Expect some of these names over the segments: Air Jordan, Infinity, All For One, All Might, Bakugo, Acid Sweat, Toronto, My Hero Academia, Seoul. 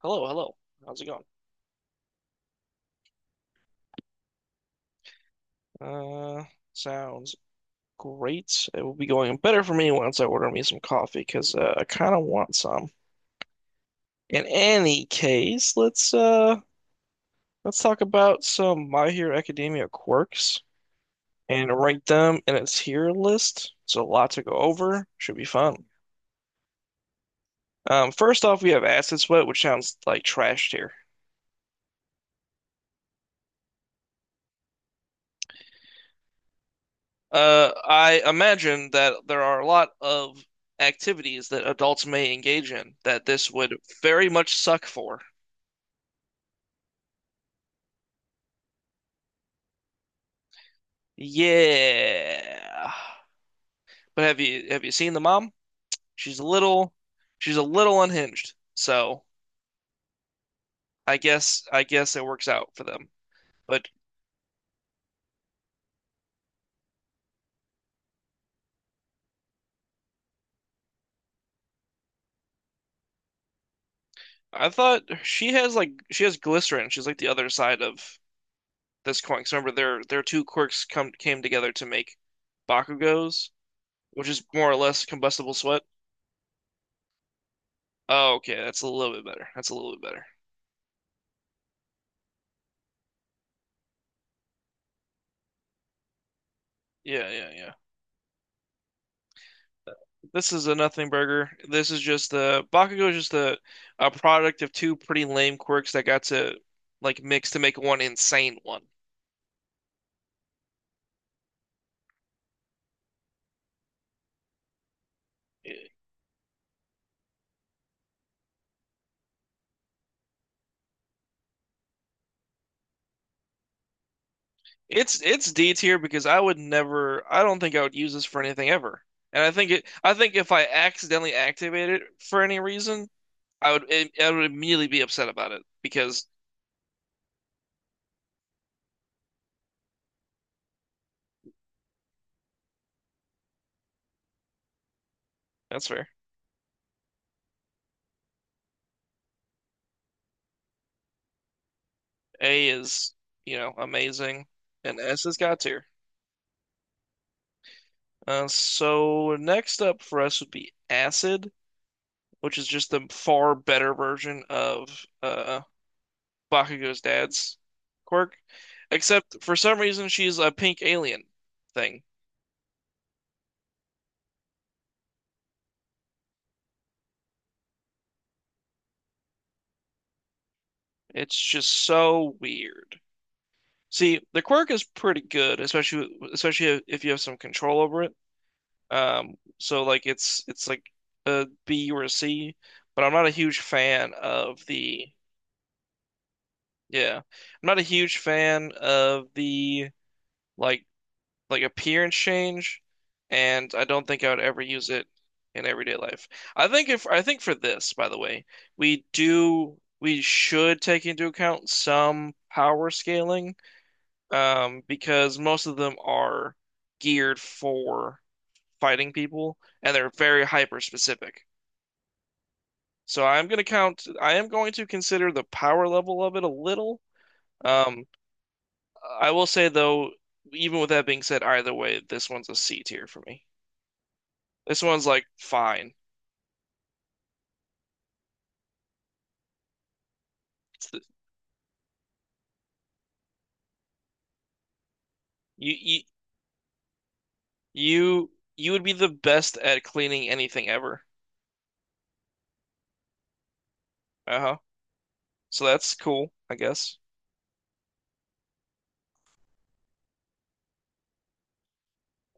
Hello, hello. How's it going? Uh, sounds great. It will be going better for me once I order me some coffee because I kind of want some. In any case, let's talk about some My Hero Academia quirks and rank them in its tier list. So a lot to go over. Should be fun. First off, we have Acid Sweat, which sounds like trash tier. I imagine that there are a lot of activities that adults may engage in that this would very much suck for. Yeah. But have you seen the mom? She's a little she's a little unhinged. So I guess it works out for them. But I thought she has glycerin. She's like the other side of this coin. 'Cause remember their two quirks come came together to make Bakugos, which is more or less combustible sweat. Oh, okay, that's a little bit better. That's a little bit better. Yeah, yeah, yeah. This is a nothing burger. This is just the Bakugo is just a product of two pretty lame quirks that got to like mix to make one insane one. It's D tier because I would never. I don't think I would use this for anything ever. And I think it. I think if I accidentally activate it for any reason, I would. I would immediately be upset about it because that's fair. A is, you know, amazing, and S is God tier. So next up for us would be Acid, which is just the far better version of Bakugo's dad's quirk, except for some reason she's a pink alien thing. It's just so weird. See, the quirk is pretty good, especially if you have some control over it. It's like a B or a C, but I'm not a huge fan of the like like appearance change, and I don't think I would ever use it in everyday life. I think if I think for this, by the way, we should take into account some power scaling, because most of them are geared for fighting people, and they're very hyper specific. So I'm gonna count. I am going to consider the power level of it a little. Um, I will say though, even with that being said, either way, this one's a C tier for me. This one's like fine. It's the- you you you you would be the best at cleaning anything ever. Uh-huh. So that's cool, I guess.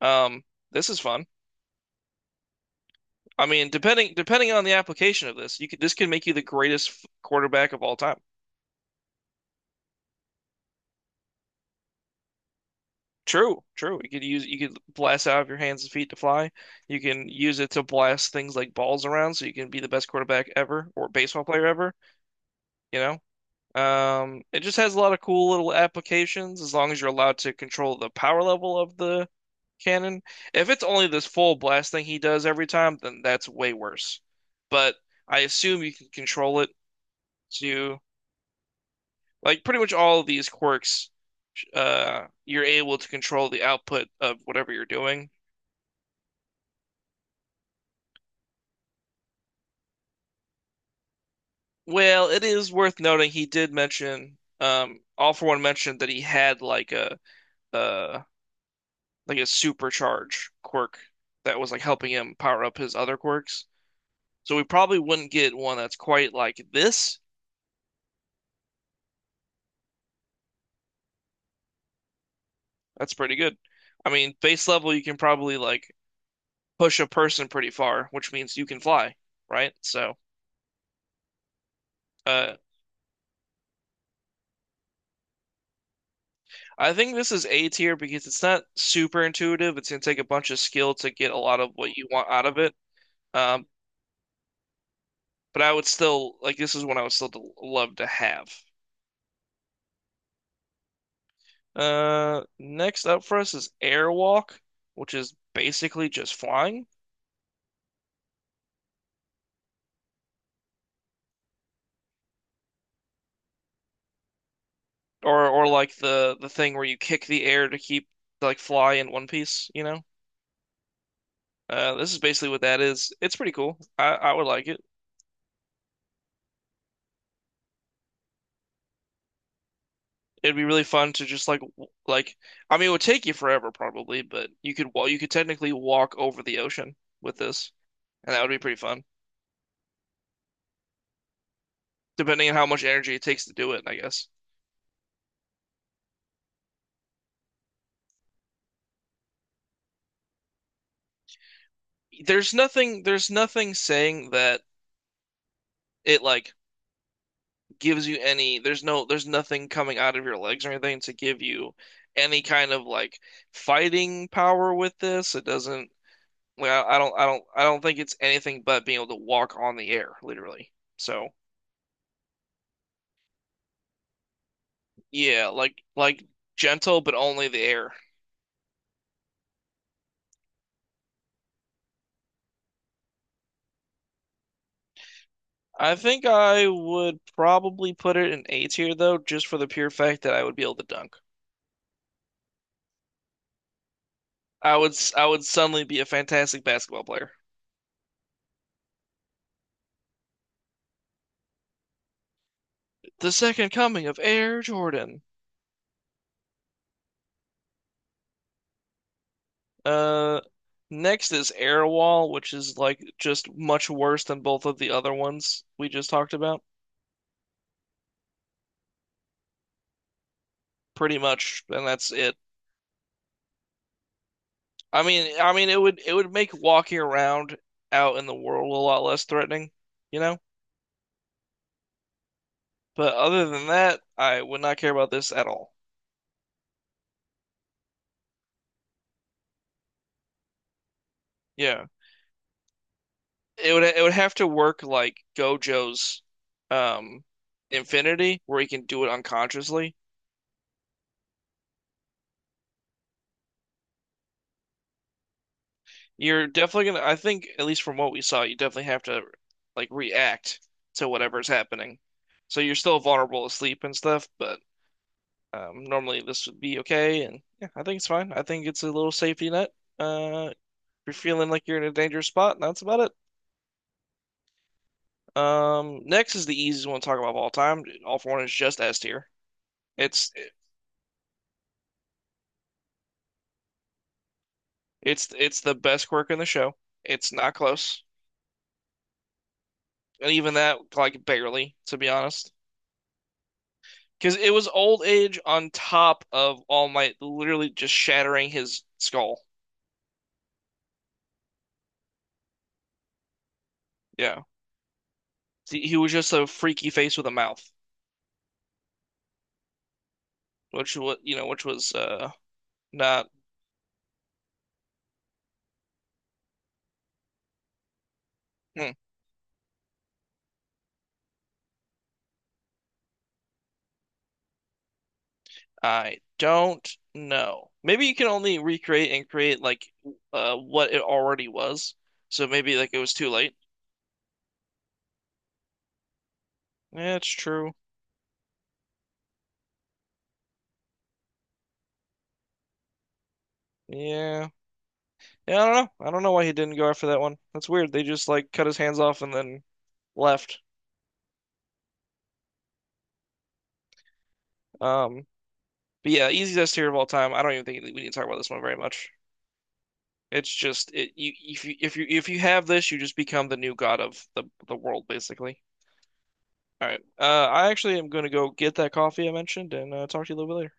Um, this is fun. I mean, depending on the application of this, you could this could make you the greatest quarterback of all time. True, true. You could blast out of your hands and feet to fly. You can use it to blast things like balls around, so you can be the best quarterback ever or baseball player ever. You know, it just has a lot of cool little applications as long as you're allowed to control the power level of the cannon. If it's only this full blast thing he does every time, then that's way worse. But I assume you can control it to like pretty much all of these quirks. You're able to control the output of whatever you're doing. Well, it is worth noting he did mention, All For One mentioned that he had a like a supercharge quirk that was like helping him power up his other quirks. So we probably wouldn't get one that's quite like this. That's pretty good. I mean, base level you can probably like push a person pretty far, which means you can fly, right? So uh, I think this is A tier because it's not super intuitive. It's gonna take a bunch of skill to get a lot of what you want out of it. Um, but I would still like this is one I would still love to have. Next up for us is airwalk, which is basically just flying, or like the thing where you kick the air to keep like fly in one piece, you know? This is basically what that is. It's pretty cool. I would like it. It'd be really fun to just like I mean it would take you forever probably, but you could technically walk over the ocean with this, and that would be pretty fun, depending on how much energy it takes to do it, I guess. There's nothing saying that it like gives you any there's no there's nothing coming out of your legs or anything to give you any kind of like fighting power with this. It doesn't like I don't think it's anything but being able to walk on the air, literally. So yeah, like gentle but only the air. I think I would probably put it in A tier though, just for the pure fact that I would be able to dunk. I would suddenly be a fantastic basketball player. The second coming of Air Jordan. Uh, next is Airwall, which is like just much worse than both of the other ones we just talked about, pretty much, and that's it. I mean, it would make walking around out in the world a lot less threatening, you know? But other than that, I would not care about this at all. Yeah, it would have to work like Gojo's, um, Infinity, where he can do it unconsciously. You're definitely gonna, I think, at least from what we saw, you definitely have to like react to whatever's happening. So you're still vulnerable to sleep and stuff, but normally this would be okay. And yeah, I think it's fine. I think it's a little safety net. If you're feeling like you're in a dangerous spot, that's about it. Next is the easiest one to talk about of all time. All for One is just S tier. It's it's the best quirk in the show. It's not close, and even that like barely, to be honest. Because it was old age on top of All Might literally just shattering his skull. Yeah. He was just a freaky face with a mouth, which was, you know, which was not hmm, I don't know. Maybe you can only recreate and create like what it already was. So maybe like it was too late. Yeah, it's true. Yeah. Yeah, I don't know. I don't know why he didn't go after that one. That's weird. They just like cut his hands off and then left. Um But yeah, easiest tier of all time. I don't even think we need to talk about this one very much. It's just it you if you if you if you have this, you just become the new god of the world, basically. All right. I actually am going to go get that coffee I mentioned and talk to you a little bit later.